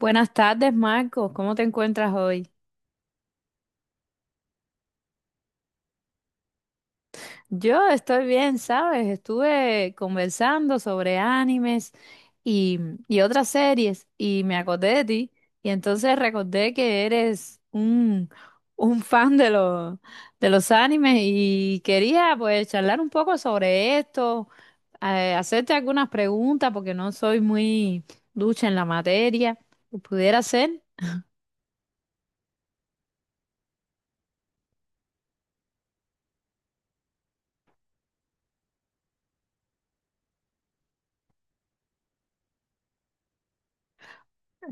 Buenas tardes, Marcos. ¿Cómo te encuentras hoy? Yo estoy bien, ¿sabes? Estuve conversando sobre animes y, y otras series y me acordé de ti y entonces recordé que eres un fan de de los animes y quería pues charlar un poco sobre esto, hacerte algunas preguntas porque no soy muy ducha en la materia. ¿Pudiera ser?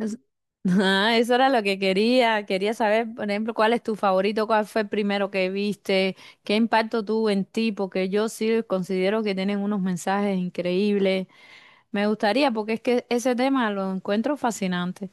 Es- Ah, eso era lo que quería. Quería saber, por ejemplo, cuál es tu favorito, cuál fue el primero que viste, qué impacto tuvo en ti, porque yo sí considero que tienen unos mensajes increíbles. Me gustaría, porque es que ese tema lo encuentro fascinante.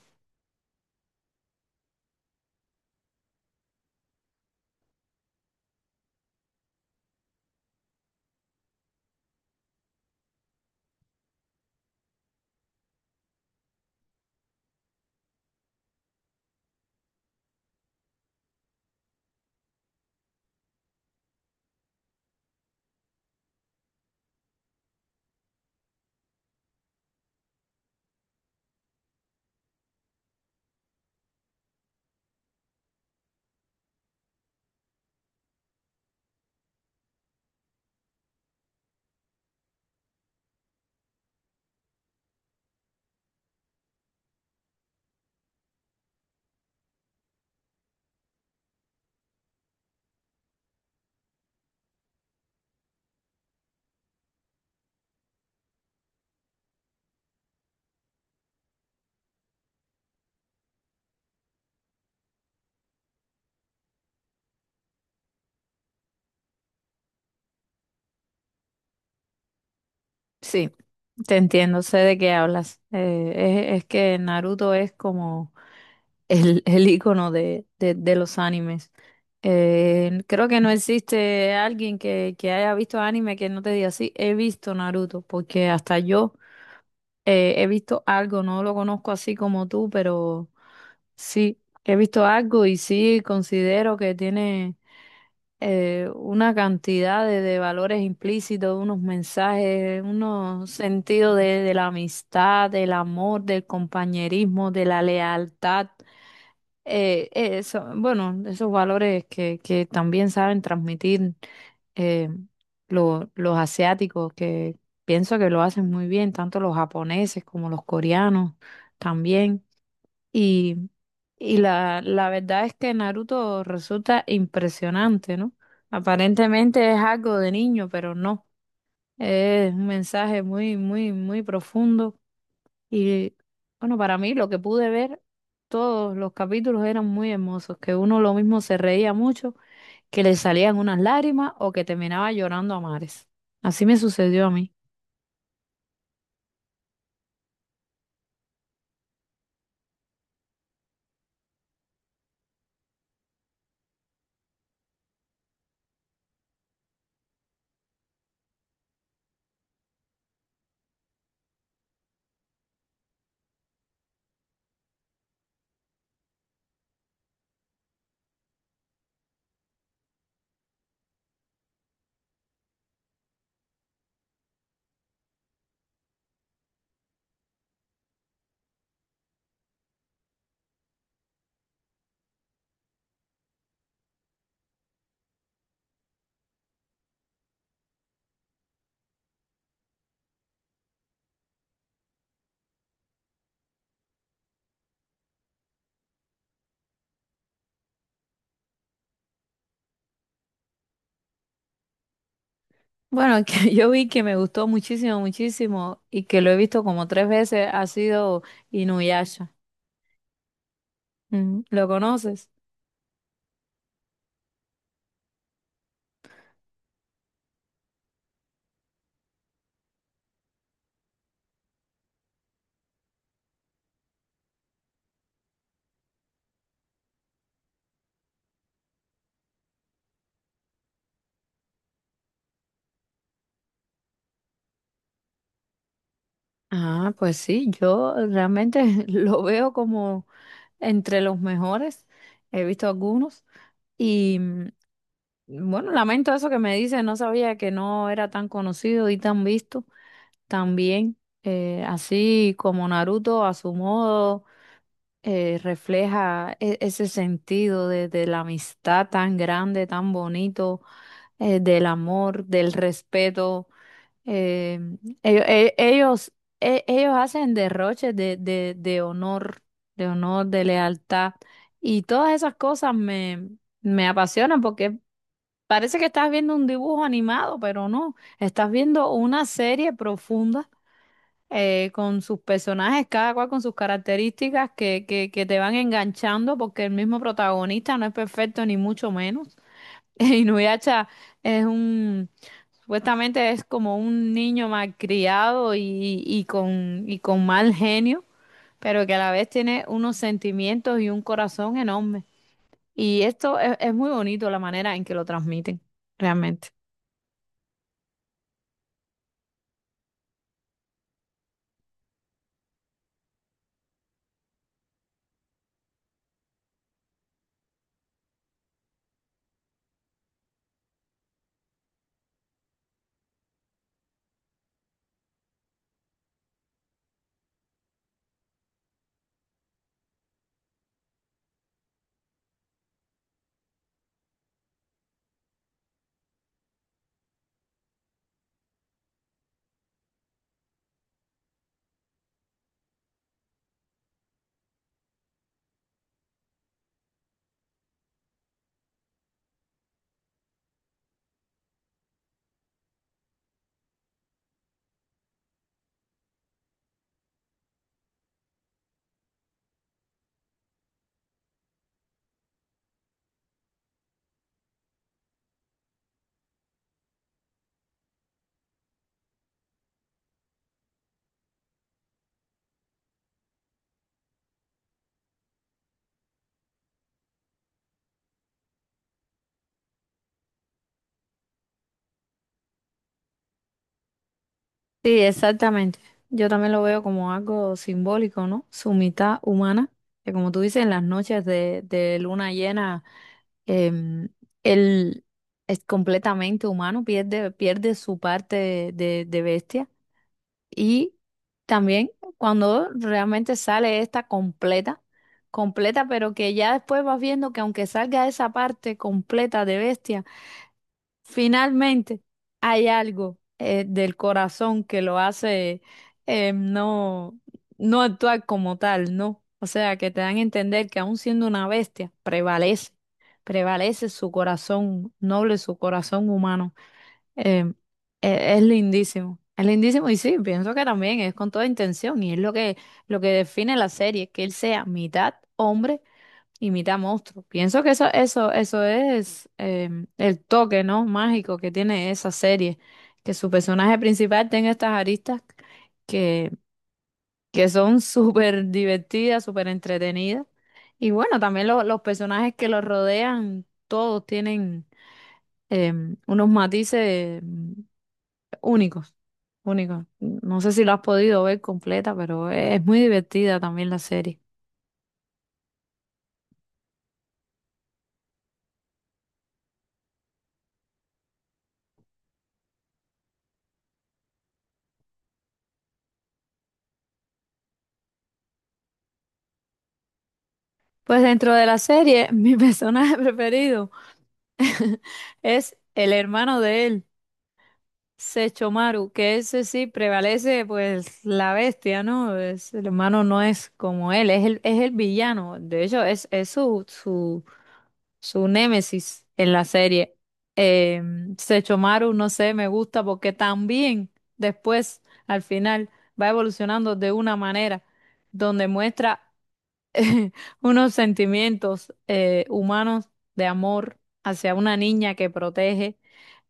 Sí, te entiendo, sé de qué hablas. Es que Naruto es como el icono de los animes. Creo que no existe alguien que haya visto anime que no te diga, sí, he visto Naruto, porque hasta yo he visto algo, no lo conozco así como tú, pero sí, he visto algo y sí considero que tiene una cantidad de valores implícitos, unos mensajes, unos sentidos de la amistad, del amor, del compañerismo, de la lealtad. Eso, bueno, esos valores que también saben transmitir, eh, los asiáticos, que pienso que lo hacen muy bien, tanto los japoneses como los coreanos también. Y, y la verdad es que Naruto resulta impresionante, ¿no? Aparentemente es algo de niño, pero no. Es un mensaje muy, muy, muy profundo y bueno, para mí lo que pude ver, todos los capítulos eran muy hermosos, que uno lo mismo se reía mucho, que le salían unas lágrimas o que terminaba llorando a mares. Así me sucedió a mí. Bueno, que yo vi que me gustó muchísimo, muchísimo y que lo he visto como 3 veces ha sido Inuyasha. Mm, ¿lo conoces? Ah, pues sí, yo realmente lo veo como entre los mejores. He visto algunos. Y bueno, lamento eso que me dice, no sabía que no era tan conocido y tan visto. También, así como Naruto a su modo refleja ese sentido de la amistad tan grande, tan bonito, del amor, del respeto. eh, ello- e- ellos, Ellos hacen derroches de honor, de honor, de lealtad. Y todas esas cosas me, me apasionan porque parece que estás viendo un dibujo animado, pero no. Estás viendo una serie profunda, con sus personajes, cada cual con sus características que, que te van enganchando porque el mismo protagonista no es perfecto ni mucho menos. Inuyasha es un, supuestamente es como un niño malcriado y con mal genio, pero que a la vez tiene unos sentimientos y un corazón enorme. Y esto es muy bonito la manera en que lo transmiten, realmente. Sí, exactamente. Yo también lo veo como algo simbólico, ¿no? Su mitad humana, que como tú dices, en las noches de luna llena, em, él es completamente humano, pierde su parte de bestia. Y también cuando realmente sale esta completa, pero que ya después vas viendo que aunque salga esa parte completa de bestia, finalmente, hay algo, del corazón que lo hace eh, no, no actuar como tal, ¿no? O sea, que te dan a entender que aun siendo una bestia, prevalece su corazón noble, su corazón humano. Eh, es lindísimo, es lindísimo y sí, pienso que también es con toda intención y es lo que define la serie, que él sea mitad hombre, Imita monstruos. Pienso que eso, eso es, el toque, ¿no? Mágico que tiene esa serie. Que su personaje principal tenga estas aristas que, que son súper divertidas, súper entretenidas. Y bueno, también los personajes que los rodean, todos tienen, unos matices, únicos, únicos. No sé si lo has podido ver completa, pero es muy divertida también la serie. Pues dentro de la serie, mi personaje preferido es el hermano de él, Sechomaru, que ese sí prevalece, pues la bestia, ¿no? Es, el hermano no es como él, es el villano. De hecho, es, su némesis en la serie. Eh, Sechomaru, no sé, me gusta porque también después, al final, va evolucionando de una manera donde muestra unos sentimientos, humanos de amor hacia una niña que protege,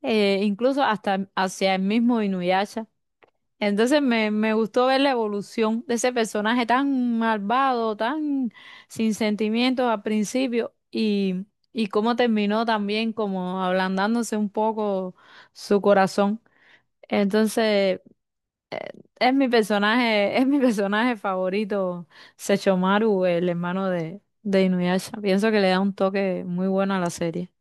incluso hasta hacia el mismo Inuyasha. Entonces me gustó ver la evolución de ese personaje tan malvado, tan sin sentimientos al principio y cómo terminó también como ablandándose un poco su corazón. Entonces... es mi personaje favorito, Sechomaru, el hermano de Inuyasha. Pienso que le da un toque muy bueno a la serie.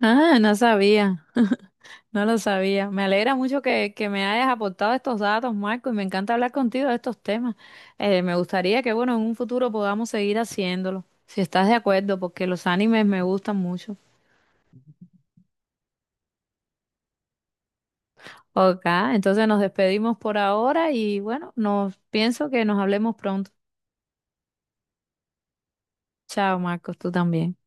Ah, no sabía, no lo sabía. Me alegra mucho que me hayas aportado estos datos, Marco, y me encanta hablar contigo de estos temas. Me gustaría que, bueno, en un futuro podamos seguir haciéndolo, si estás de acuerdo, porque los animes me gustan mucho. Ok, entonces nos despedimos por ahora y bueno, nos pienso que nos hablemos pronto. Chao, Marcos, tú también.